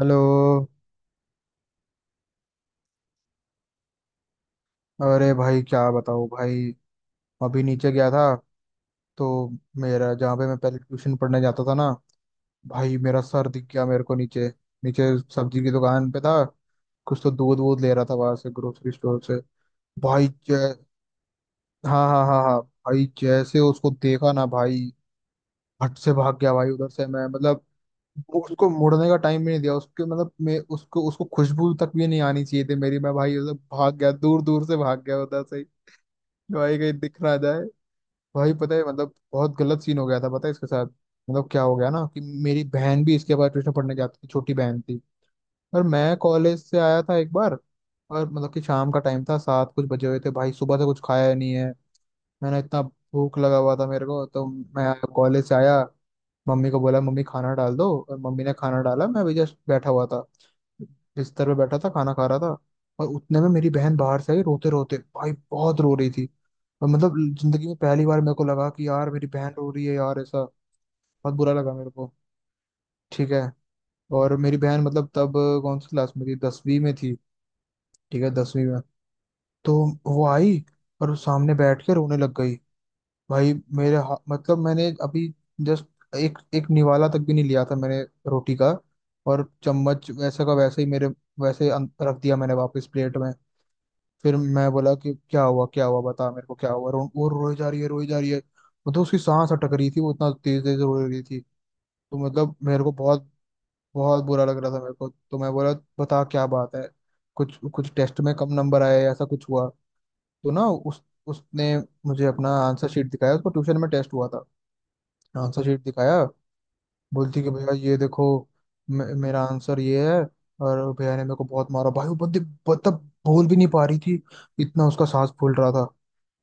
Hello. अरे भाई क्या बताओ भाई, अभी नीचे गया था। तो मेरा जहाँ पे मैं पहले ट्यूशन पढ़ने जाता था ना, भाई मेरा सर दिख गया मेरे को नीचे। नीचे सब्जी की दुकान पे था, कुछ तो दूध वूध ले रहा था वहां से, ग्रोसरी स्टोर से। भाई जय। हाँ हाँ हाँ हाँ, भाई जैसे उसको देखा ना भाई, हट से भाग गया भाई उधर से। मैं मतलब वो उसको मुड़ने का टाइम भी नहीं दिया उसके। मतलब मैं उसको उसको खुशबू तक भी नहीं आनी चाहिए थी मेरी। मैं भाई उधर भाग गया, दूर दूर से भाग गया उधर से ही। भाई कहीं दिख ना जाए। भाई पता है, मतलब बहुत गलत सीन हो गया था, पता है इसके साथ। मतलब क्या हो गया ना कि मेरी बहन भी इसके बाद ट्यूशन पढ़ने जाती थी, छोटी बहन थी। और मैं कॉलेज से आया था एक बार। और मतलब कि शाम का टाइम था, 7 कुछ बजे हुए थे। भाई सुबह से कुछ खाया नहीं है मैंने, इतना भूख लगा हुआ था मेरे को। तो मैं कॉलेज से आया, मम्मी को बोला मम्मी खाना डाल दो, और मम्मी ने खाना डाला। मैं अभी जस्ट बैठा हुआ था, बिस्तर पे बैठा था खाना खा रहा था। और उतने में मेरी बहन बाहर से आई रोते रोते, भाई बहुत रो रही थी। और मतलब जिंदगी में पहली बार मेरे को लगा कि यार मेरी बहन रो रही है यार, ऐसा बहुत बुरा लगा मेरे को। ठीक है। और मेरी बहन मतलब तब कौन सी क्लास में थी, दसवीं में थी, ठीक है दसवीं में। तो वो आई और सामने बैठ के रोने लग गई। मतलब मैंने अभी जस्ट एक एक निवाला तक भी नहीं लिया था मैंने, रोटी का। और चम्मच वैसे का वैसे ही मेरे, रख दिया मैंने वापस प्लेट में। फिर मैं बोला कि क्या हुआ क्या हुआ, बता मेरे को क्या हुआ। वो रोई जा रही है, रोई जा रही है। मतलब उसकी सांस अटक रही थी, वो इतना तेज तेज रो रही थी। तो मतलब मेरे को बहुत बहुत बुरा लग रहा था मेरे को। तो मैं बोला बता क्या बात है, कुछ कुछ टेस्ट में कम नंबर आया है, ऐसा कुछ हुआ? तो ना उस उसने मुझे अपना आंसर शीट दिखाया, उसको ट्यूशन में टेस्ट हुआ था। आंसर शीट दिखाया, बोलती कि भैया ये देखो, मेरा आंसर ये है, और भैया ने मेरे को बहुत मारा। भाई वो बंदी मतलब बोल भी नहीं पा रही थी, इतना उसका सांस फूल रहा था,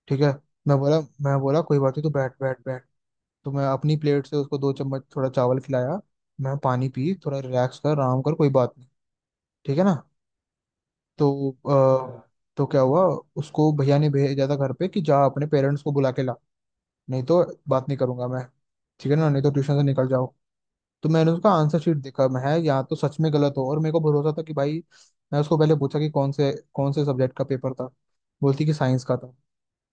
ठीक है। मैं बोला मैं बोला कोई बात नहीं, तो बैठ बैठ बैठ। तो मैं अपनी प्लेट से उसको 2 चम्मच थोड़ा चावल खिलाया। मैं पानी पी, थोड़ा रिलैक्स कर, आराम कर, कोई बात नहीं, ठीक है ना। तो अ, तो क्या हुआ, उसको भैया ने भेजा था घर पे कि जा अपने पेरेंट्स को बुला के ला, नहीं तो बात नहीं करूंगा मैं, ठीक है ना, नहीं तो ट्यूशन से निकल जाओ। तो मैंने उसका आंसर शीट देखा, मैं है या तो सच में गलत हो, और मेरे को भरोसा था कि भाई मैं उसको पहले पूछा कि कौन से सब्जेक्ट का पेपर था, बोलती कि साइंस का था।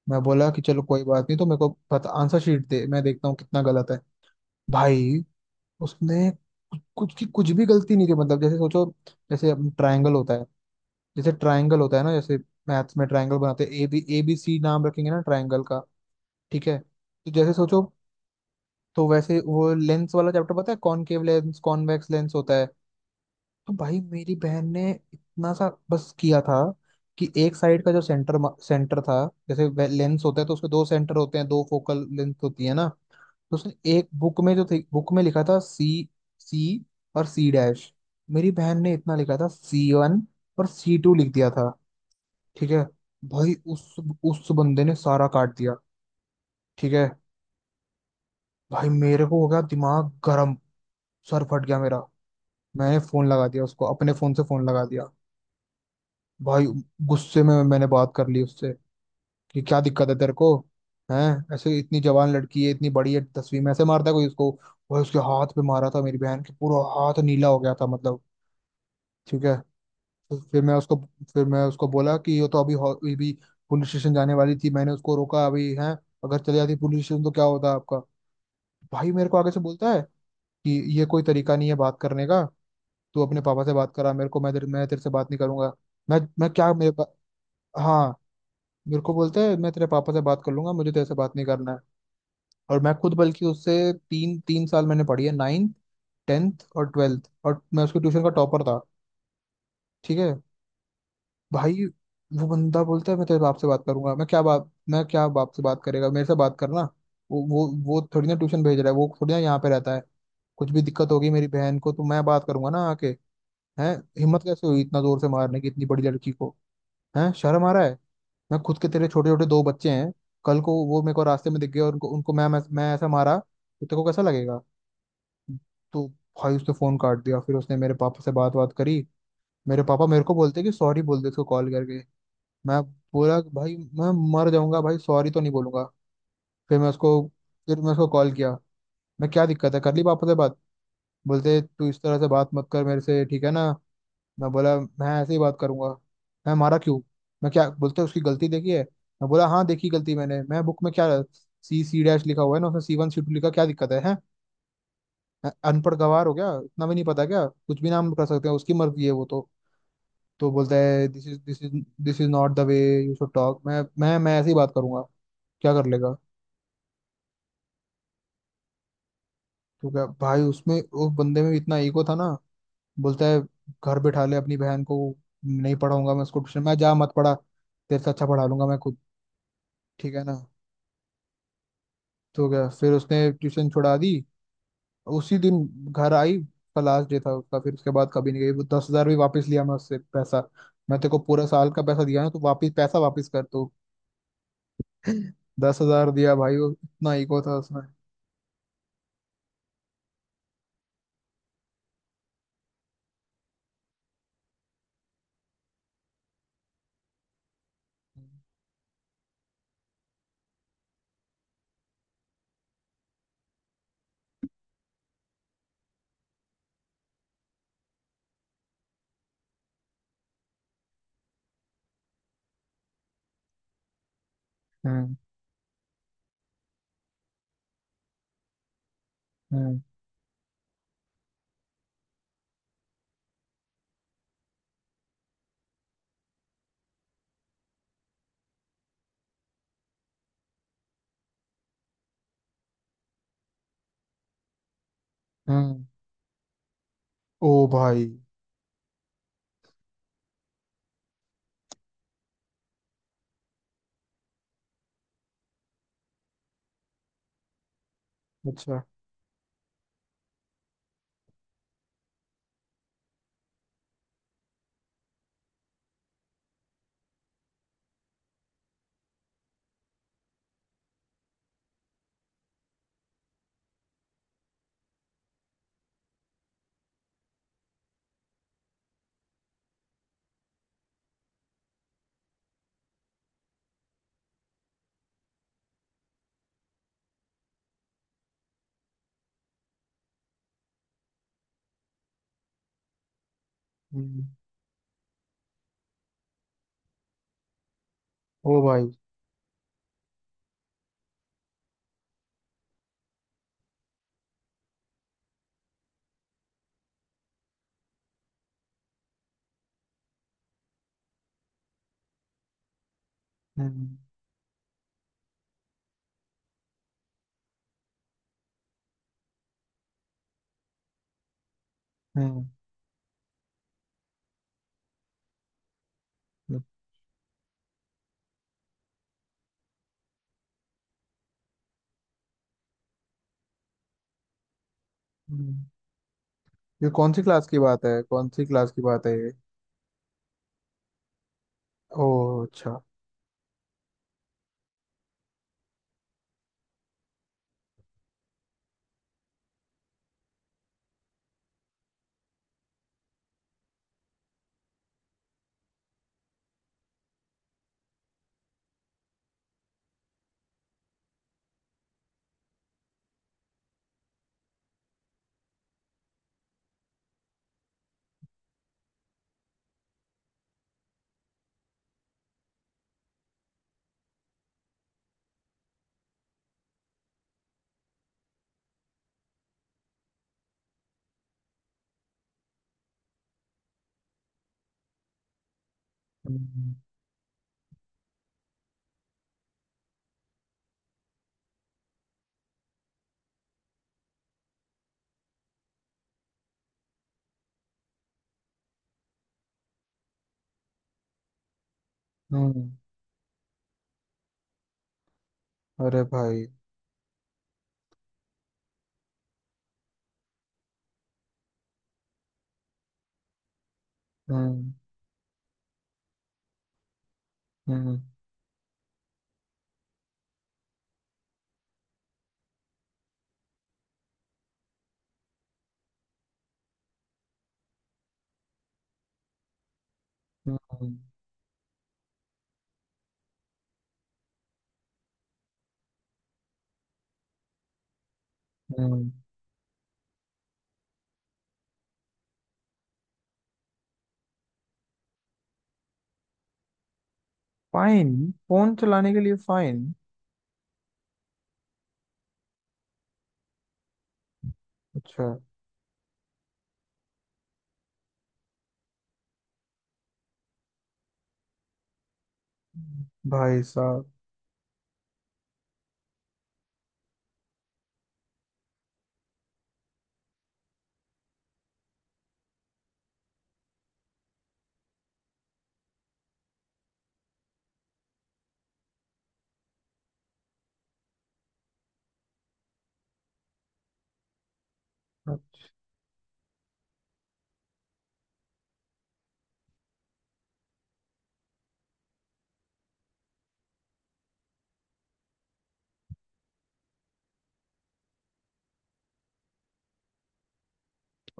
मैं बोला कि चलो कोई बात नहीं, तो मेरे को पता आंसर शीट दे, मैं देखता हूँ कितना गलत है। भाई उसने कुछ कुछ की कुछ भी गलती नहीं की। मतलब जैसे सोचो, जैसे ट्रायंगल होता है, जैसे ट्रायंगल होता है ना, जैसे मैथ्स में ट्रायंगल बनाते हैं, ए बी सी नाम रखेंगे ना ट्रायंगल का, ठीक है। तो जैसे सोचो, तो वैसे वो लेंस वाला चैप्टर, पता है कॉनकेव लेंस कॉन्वेक्स लेंस होता है। तो भाई मेरी बहन ने इतना सा बस किया था कि एक साइड का जो सेंटर सेंटर था, जैसे लेंस होता है तो उसके दो सेंटर होते हैं, दो फोकल लेंथ होती है ना। तो उसने एक बुक में जो थी बुक में लिखा था सी, सी और सी डैश। मेरी बहन ने इतना लिखा था सी वन और सी टू लिख दिया था, ठीक है। भाई उस बंदे ने सारा काट दिया, ठीक है। भाई मेरे को हो गया दिमाग गर्म, सर फट गया मेरा। मैंने फोन लगा दिया उसको, अपने फोन से फोन लगा दिया। भाई गुस्से में मैंने बात कर ली उससे कि क्या दिक्कत है तेरे को, हैं? ऐसे इतनी जवान लड़की है, इतनी बड़ी है दसवीं में, ऐसे मारता है कोई उसको? भाई उसके हाथ पे मारा था, मेरी बहन के पूरा हाथ नीला हो गया था मतलब, ठीक है। तो फिर मैं उसको फिर मैं उसको बोला कि ये तो ये भी पुलिस स्टेशन जाने वाली थी, मैंने उसको रोका अभी है। अगर चली जाती पुलिस स्टेशन तो क्या होता आपका? भाई मेरे को आगे से बोलता है कि ये कोई तरीका नहीं है बात करने का, तू अपने पापा से बात करा मेरे को, मैं तेरे से बात नहीं करूंगा। मैं क्या हाँ, मेरे को बोलता है मैं तेरे पापा से बात कर लूंगा, मुझे तेरे से बात नहीं करना है। और मैं खुद बल्कि उससे तीन तीन साल मैंने पढ़ी है, नाइन्थ, टेंथ और ट्वेल्थ, और मैं उसके ट्यूशन का टॉपर था, ठीक है। भाई वो बंदा बोलता है मैं तेरे बाप से बात करूंगा, मैं क्या बाप, मैं क्या बाप से बात करेगा, मेरे से बात करना। वो थोड़ी ना ट्यूशन भेज रहा है, वो थोड़ी ना यहाँ पे रहता है। कुछ भी दिक्कत होगी मेरी बहन को तो मैं बात करूंगा ना आके। हैं? हिम्मत कैसे हुई इतना जोर से मारने की, इतनी बड़ी लड़की को, हैं? शर्म आ रहा है। मैं खुद के तेरे छोटे छोटे दो बच्चे हैं, कल को वो मेरे को रास्ते में दिख गए और उनको, उनको मैं ऐसा मारा तो तेरे को कैसा लगेगा? तो भाई उसने फोन काट दिया, फिर उसने मेरे पापा से बात बात करी। मेरे पापा मेरे को बोलते कि सॉरी बोल दे उसको कॉल करके। मैं बोला भाई मैं मर जाऊंगा भाई, सॉरी तो नहीं बोलूंगा। फिर मैं उसको फिर मैं उसको कॉल किया, मैं क्या दिक्कत है? कर ली पापा से बात? बोलते तू इस तरह से बात मत कर मेरे से, ठीक है ना। मैं बोला मैं ऐसे ही बात करूंगा, मैं मारा क्यों? मैं क्या बोलते, उसकी गलती देखी है? मैं बोला हाँ देखी गलती मैंने, मैं बुक में क्या सी सी डैश लिखा हुआ है ना, उसमें सी वन सी टू लिखा, क्या दिक्कत है, हैं? मैं अनपढ़ गवार हो गया, इतना भी नहीं पता, क्या कुछ भी नाम कर सकते हैं, उसकी मर्जी है वो तो। तो बोलता है this is not the way you should talk, मैं मैं ऐसे ही बात करूंगा, क्या कर लेगा? तो क्या भाई उसमें उस बंदे में भी इतना ईगो था ना, बोलता है घर बैठा ले अपनी बहन को, नहीं पढ़ाऊंगा मैं उसको ट्यूशन, मैं जा, मत पढ़ा, तेरे से अच्छा पढ़ा लूंगा मैं खुद, ठीक है ना। तो क्या, फिर उसने ट्यूशन छुड़ा दी उसी दिन, घर आई। उसका लास्ट डे था उसका, फिर उसके बाद कभी नहीं गई वो। 10 हज़ार भी वापस लिया मैं उससे पैसा, मैं तेरे को पूरा साल का पैसा दिया ना, तो वापस पैसा वापस कर तू। दस हजार दिया भाई, वो इतना ईगो था उसमें। हम्म हम्म हम्म। ओ भाई, अच्छा। हम्म। ओ भाई। हम्म हम्म हम्म। ये कौन सी क्लास की बात है, कौन सी क्लास की बात है ये? ओ, अच्छा। हम्म हम्म। अरे भाई। हम्म हम्म हम्म। फाइन? फोन चलाने के लिए फाइन? अच्छा, भाई साहब। अब-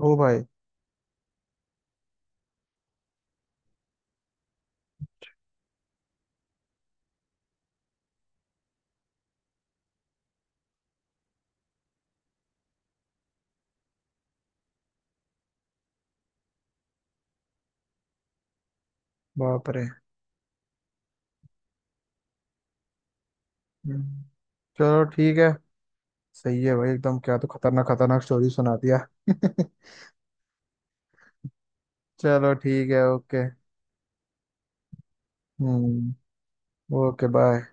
ओ भाई। बाप रे। हम्म, चलो ठीक है। सही है भाई एकदम, क्या तो खतरनाक खतरनाक स्टोरी सुना दिया। चलो ठीक है, ओके। हम्म। Okay bye.